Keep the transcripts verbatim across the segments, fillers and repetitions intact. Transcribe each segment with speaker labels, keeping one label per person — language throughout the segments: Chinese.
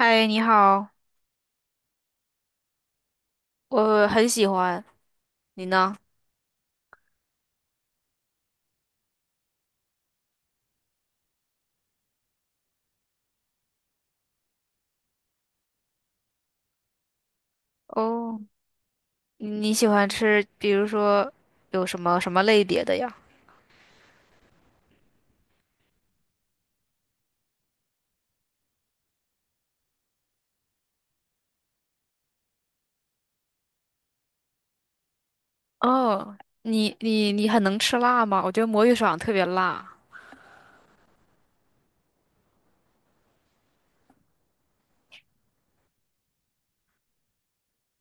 Speaker 1: 嗨，你好，我很喜欢，你呢？哦，你你喜欢吃，比如说有什么什么类别的呀？哦，你你你很能吃辣吗？我觉得魔芋爽特别辣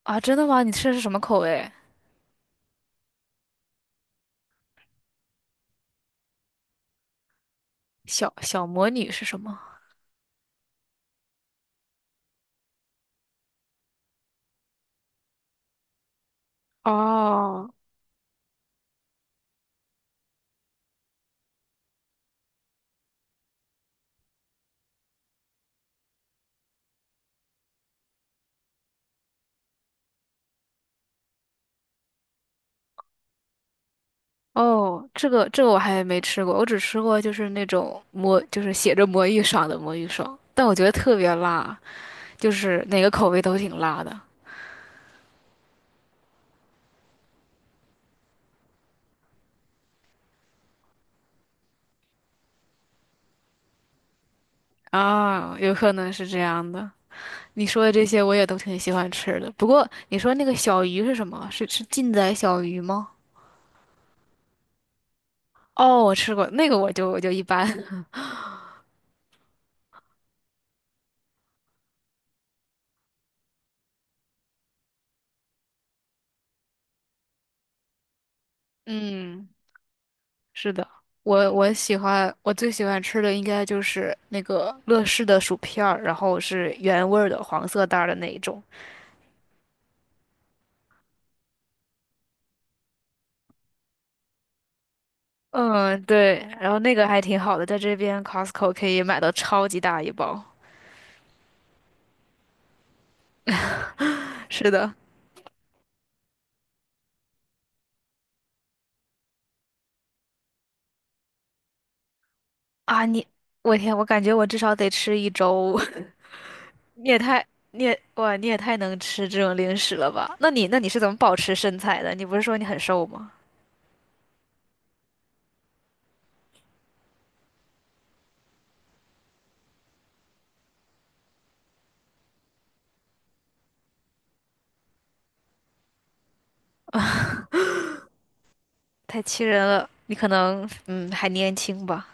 Speaker 1: 啊！真的吗？你吃的是什么口味？小小魔女是什么？哦，哦，这个这个我还没吃过，我只吃过就是那种魔，就是写着魔芋爽的魔芋爽，但我觉得特别辣，就是哪个口味都挺辣的啊，有可能是这样的。你说的这些我也都挺喜欢吃的。不过你说那个小鱼是什么？是是劲仔小鱼吗？哦，我吃过那个，我就我就一般。嗯，是的，我我喜欢我最喜欢吃的应该就是那个乐事的薯片儿，然后是原味儿的黄色袋儿的那一种。嗯，对，然后那个还挺好的，在这边 Costco 可以买到超级大一包。是的啊，你我天，我感觉我至少得吃一周。你也太，你也，哇，你也太能吃这种零食了吧？那你，那你是怎么保持身材的？你不是说你很瘦吗？太气人了，你可能，嗯，还年轻吧？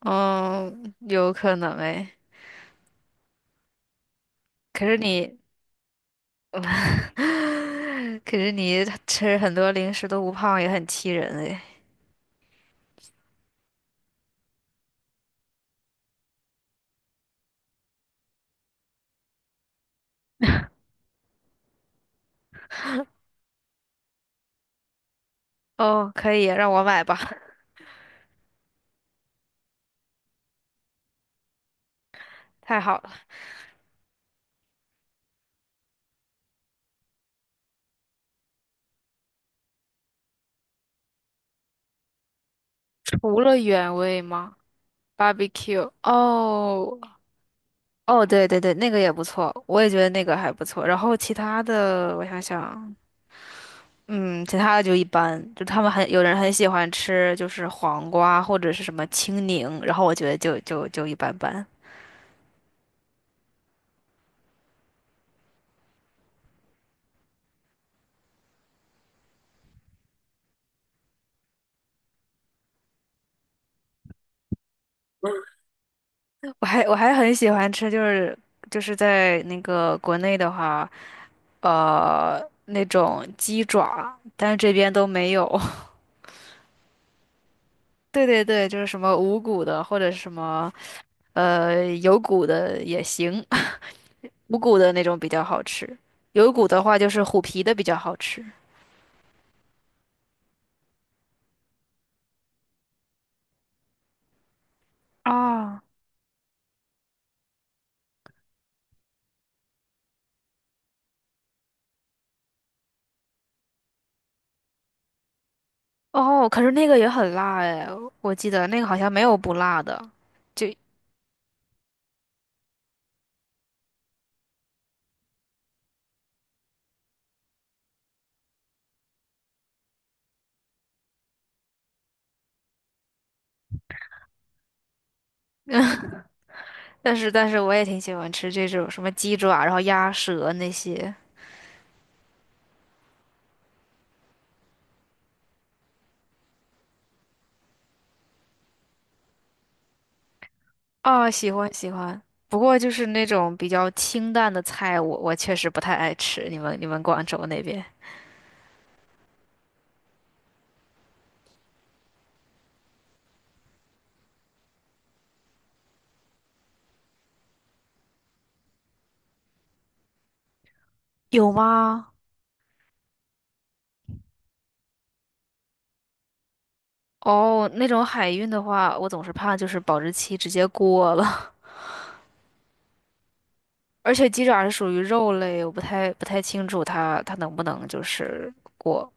Speaker 1: 嗯，有可能哎。可是你，可是你吃很多零食都不胖，也很气人哎。哦，可以，让我买吧，太好了。除了原味吗？Barbecue 哦，哦，对对对，那个也不错，我也觉得那个还不错。然后其他的，我想想。嗯，其他的就一般，就他们很有人很喜欢吃，就是黄瓜或者是什么青柠，然后我觉得就就就一般般。我还我还很喜欢吃，就是就是在那个国内的话，呃，那种鸡爪，但是这边都没有。对对对，就是什么无骨的或者是什么呃有骨的也行，无骨的那种比较好吃，有骨的话就是虎皮的比较好吃。啊。哦，可是那个也很辣哎，我记得那个好像没有不辣的，就，但是但是我也挺喜欢吃这种什么鸡爪，然后鸭舌那些啊，喜欢喜欢。不过就是那种比较清淡的菜，我我确实不太爱吃。你们你们广州那边有吗？哦，那种海运的话，我总是怕就是保质期直接过了，而且鸡爪是属于肉类，我不太不太清楚它它能不能就是过。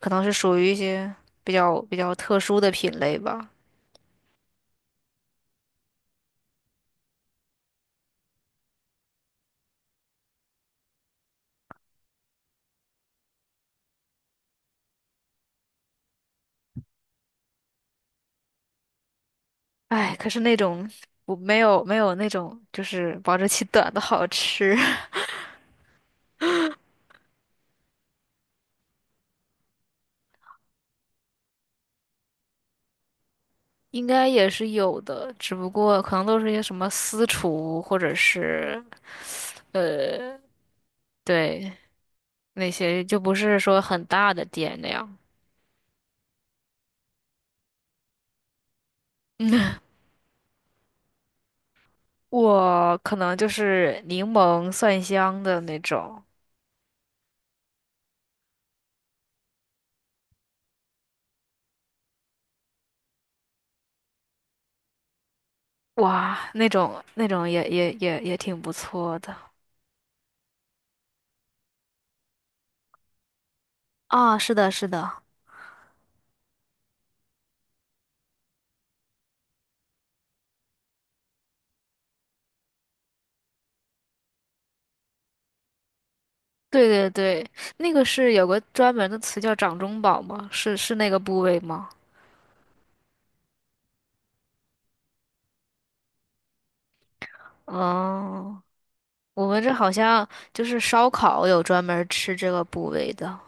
Speaker 1: 可能是属于一些比较比较特殊的品类吧。哎，可是那种我没有没有那种就是保质期短的好吃，应该也是有的，只不过可能都是一些什么私厨或者是呃对那些就不是说很大的店那样。我可能就是柠檬蒜香的那种，哇，那种那种也也也也挺不错的啊，是的，是的。对对对，那个是有个专门的词叫掌中宝吗？是是那个部位吗？哦，我们这好像就是烧烤有专门吃这个部位的。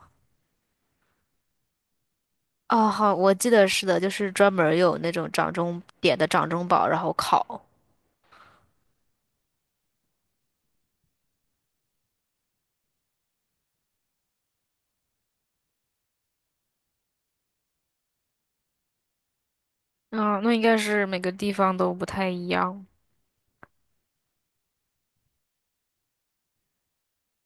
Speaker 1: 哦，好，我记得是的，就是专门有那种掌中点的掌中宝，然后烤。嗯，那应该是每个地方都不太一样，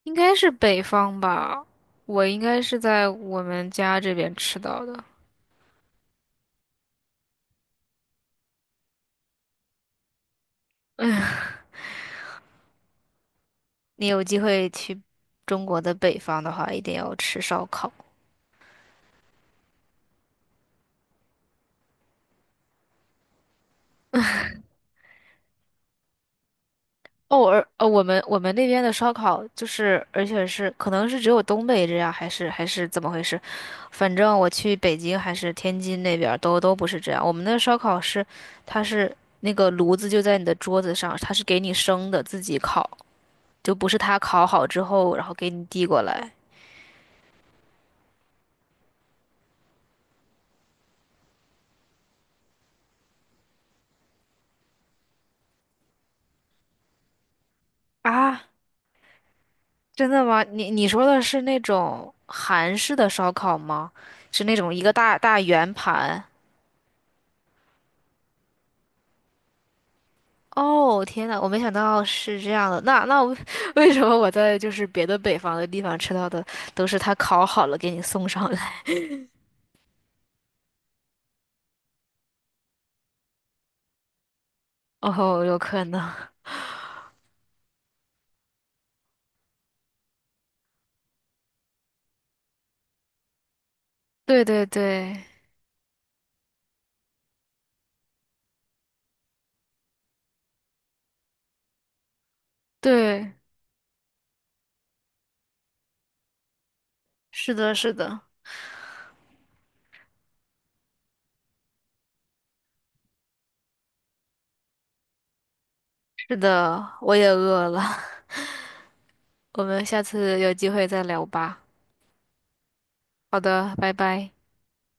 Speaker 1: 应该是北方吧。我应该是在我们家这边吃到的。你有机会去中国的北方的话，一定要吃烧烤。哦，而呃，我们我们那边的烧烤就是，而且是可能是只有东北这样，还是还是怎么回事？反正我去北京还是天津那边儿都都不是这样。我们的烧烤是，它是那个炉子就在你的桌子上，它是给你生的，自己烤，就不是它烤好之后然后给你递过来啊？真的吗？你你说的是那种韩式的烧烤吗？是那种一个大大圆盘。哦，天呐，我没想到是这样的。那那我 为什么我在就是别的北方的地方吃到的都是他烤好了给你送上来？哦，有可能。对对对对，是的，是的，是的，我也饿了。我们下次有机会再聊吧。好的，拜拜。